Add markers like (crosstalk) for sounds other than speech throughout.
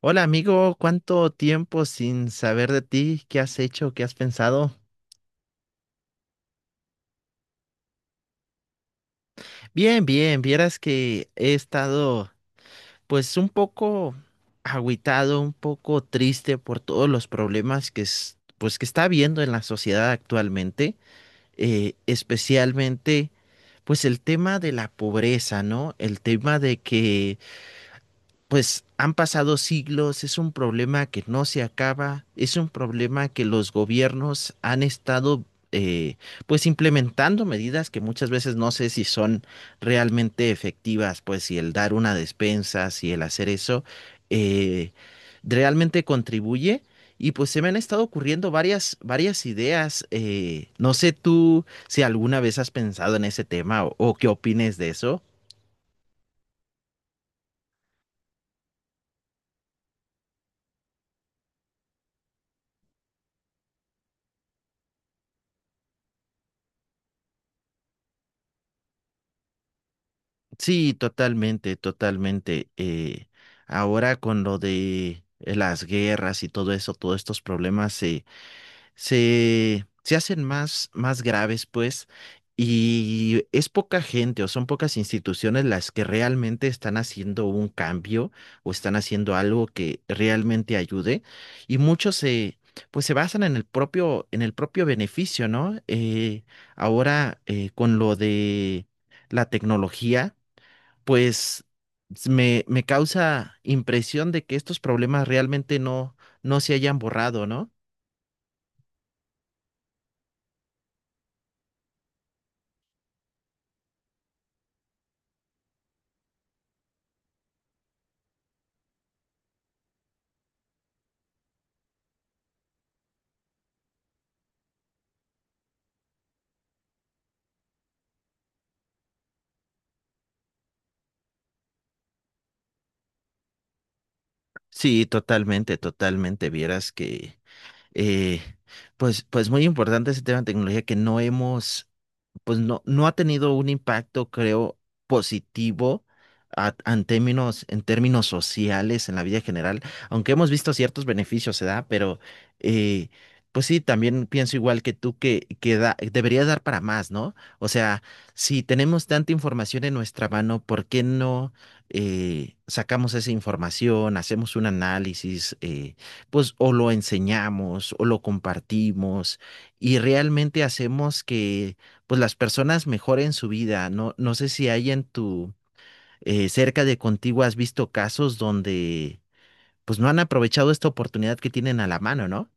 Hola amigo, ¿cuánto tiempo sin saber de ti? ¿Qué has hecho? ¿Qué has pensado? Bien, bien, vieras que he estado pues un poco agüitado, un poco triste por todos los problemas pues que está habiendo en la sociedad actualmente, especialmente pues el tema de la pobreza, ¿no? El tema de que pues han pasado siglos, es un problema que no se acaba, es un problema que los gobiernos han estado eh, pues implementando medidas que muchas veces no sé si son realmente efectivas, pues si el dar una despensa, si el hacer eso, eh, realmente contribuye. Y pues se me han estado ocurriendo varias ideas. No sé tú si alguna vez has pensado en ese tema o qué opines de eso. Sí, totalmente, totalmente. Ahora con lo de las guerras y todo eso, todos estos problemas se hacen más graves, pues, y es poca gente o son pocas instituciones las que realmente están haciendo un cambio o están haciendo algo que realmente ayude, y muchos pues, se basan en el propio beneficio, ¿no? Ahora con lo de la tecnología pues me causa impresión de que estos problemas realmente no se hayan borrado, ¿no? Sí, totalmente, totalmente. Vieras que, eh, pues muy importante ese tema de tecnología que no hemos pues no ha tenido un impacto, creo, positivo en términos sociales, en la vida general, aunque hemos visto ciertos beneficios, se da, pero eh, pues sí, también pienso igual que tú que debería dar para más, ¿no? O sea, si tenemos tanta información en nuestra mano, ¿por qué no sacamos esa información, hacemos un análisis, pues o lo enseñamos o lo compartimos y realmente hacemos que pues las personas mejoren su vida. No, no sé si hay cerca de contigo has visto casos donde pues no han aprovechado esta oportunidad que tienen a la mano, ¿no?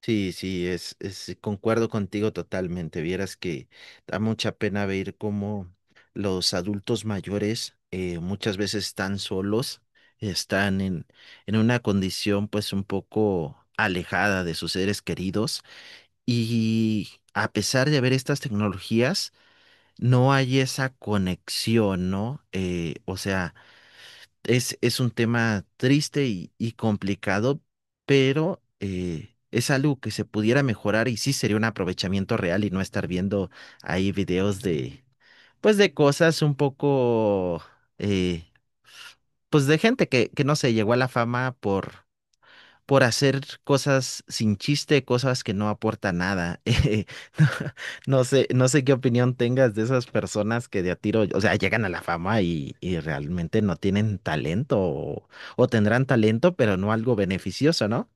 Sí, sí, concuerdo contigo totalmente. Vieras que da mucha pena ver cómo los adultos mayores muchas veces están solos, están en una condición pues un poco alejada de sus seres queridos y a pesar de haber estas tecnologías, no hay esa conexión, ¿no? O sea, es un tema triste y complicado, pero es algo que se pudiera mejorar y sí sería un aprovechamiento real y no estar viendo ahí videos pues de cosas un poco, eh, pues de gente que no se llegó a la fama por hacer cosas sin chiste, cosas que no aportan nada. (laughs) Eh, no, no sé qué opinión tengas de esas personas que de a tiro, o sea, llegan a la fama y realmente no tienen talento o tendrán talento, pero no algo beneficioso, ¿no?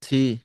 Sí,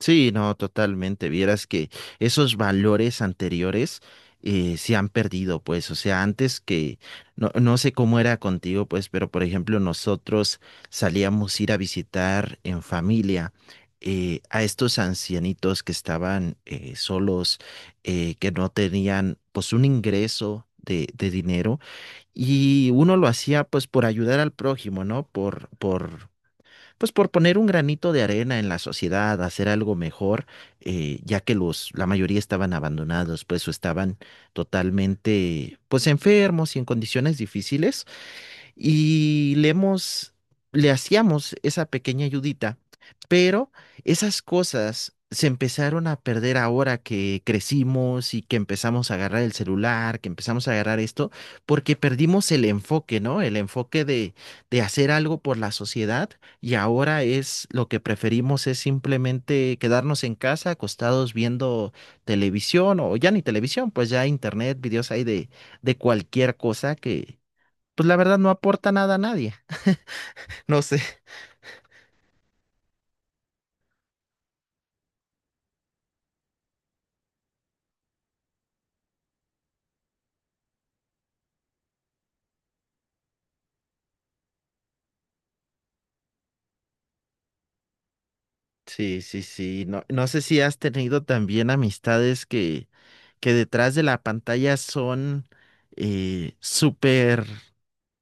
Sí, no, totalmente. Vieras que esos valores anteriores se han perdido, pues. O sea, antes que, no, no sé cómo era contigo, pues, pero por ejemplo, nosotros salíamos a ir a visitar en familia a estos ancianitos que estaban solos, que no tenían, pues, un ingreso. De dinero y uno lo hacía pues por ayudar al prójimo, ¿no? Por pues por poner un granito de arena en la sociedad, hacer algo mejor, ya que la mayoría estaban abandonados, pues o estaban totalmente, pues enfermos y en condiciones difíciles y le hacíamos esa pequeña ayudita, pero esas cosas se empezaron a perder ahora que crecimos y que empezamos a agarrar el celular, que empezamos a agarrar esto, porque perdimos el enfoque, ¿no? El enfoque de hacer algo por la sociedad y ahora es lo que preferimos es simplemente quedarnos en casa acostados viendo televisión o ya ni televisión, pues ya internet, videos hay de cualquier cosa que pues la verdad no aporta nada a nadie. (laughs) No sé. Sí, sí, sí. No, no sé si has tenido también amistades que detrás de la pantalla son súper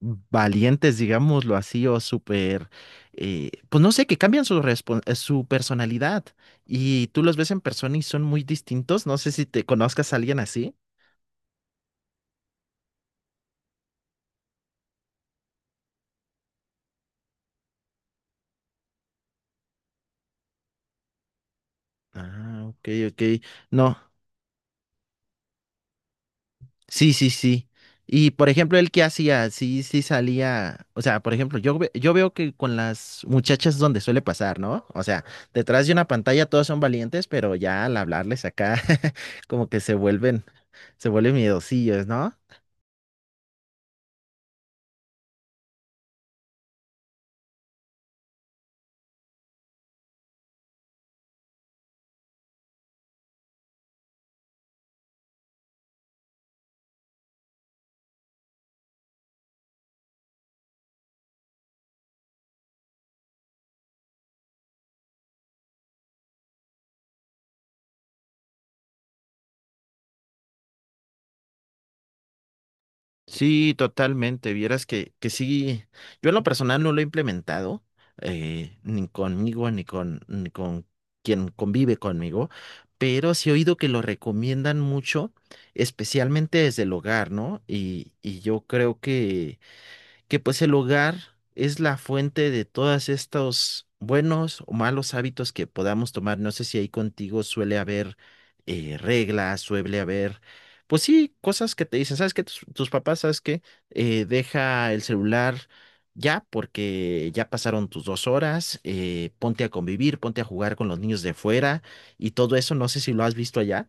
valientes, digámoslo así, o súper, pues no sé, que cambian su personalidad y tú los ves en persona y son muy distintos. No sé si te conozcas a alguien así. Ah, ok, ok. No, Sí, sí, sí. Y por ejemplo, él que hacía, sí, sí salía, o sea, por ejemplo, yo, yo veo que con las muchachas es donde suele pasar, ¿no? O sea, detrás de una pantalla todos son valientes, pero ya al hablarles acá, (laughs) como que se vuelven miedosillos, ¿no? Sí, totalmente. Vieras que sí, yo en lo personal no lo he implementado, ni conmigo, ni con quien convive conmigo, pero sí he oído que lo recomiendan mucho, especialmente desde el hogar, ¿no? Y yo creo que pues el hogar es la fuente de todos estos buenos o malos hábitos que podamos tomar. No sé si ahí contigo suele haber reglas, suele haber, pues sí, cosas que te dicen, ¿sabes qué? Tus papás, ¿sabes qué? Deja el celular. Ya, porque ya pasaron tus dos horas, ponte a convivir, ponte a jugar con los niños de fuera y todo eso, no sé si lo has visto allá.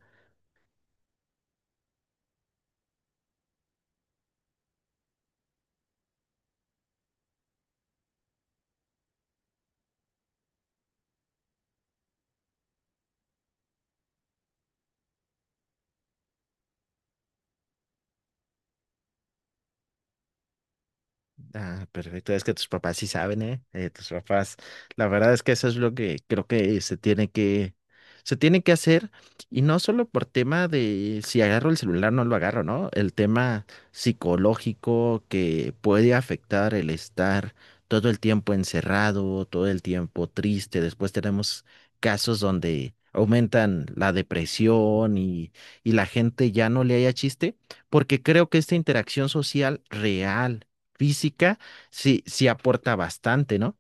Ah, perfecto. Es que tus papás sí saben, ¿eh? Tus papás, la verdad es que eso es lo que creo que se tiene que hacer. Y no solo por tema de si agarro el celular, no lo agarro, ¿no? El tema psicológico que puede afectar el estar todo el tiempo encerrado, todo el tiempo triste. Después tenemos casos donde aumentan la depresión y la gente ya no le haya chiste, porque creo que esta interacción social real física, sí, sí aporta bastante, ¿no?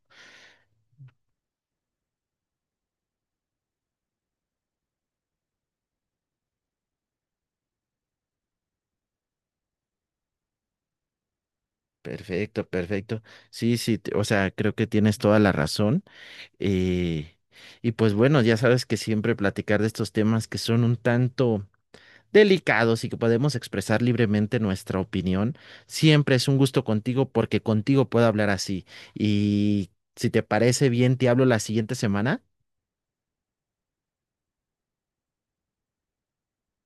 Perfecto, perfecto. Sí, sí, o sea, creo que tienes toda la razón. Eh, y pues bueno, ya sabes que siempre platicar de estos temas que son un tanto delicados y que podemos expresar libremente nuestra opinión, siempre es un gusto contigo porque contigo puedo hablar así. Y si te parece bien, te hablo la siguiente semana.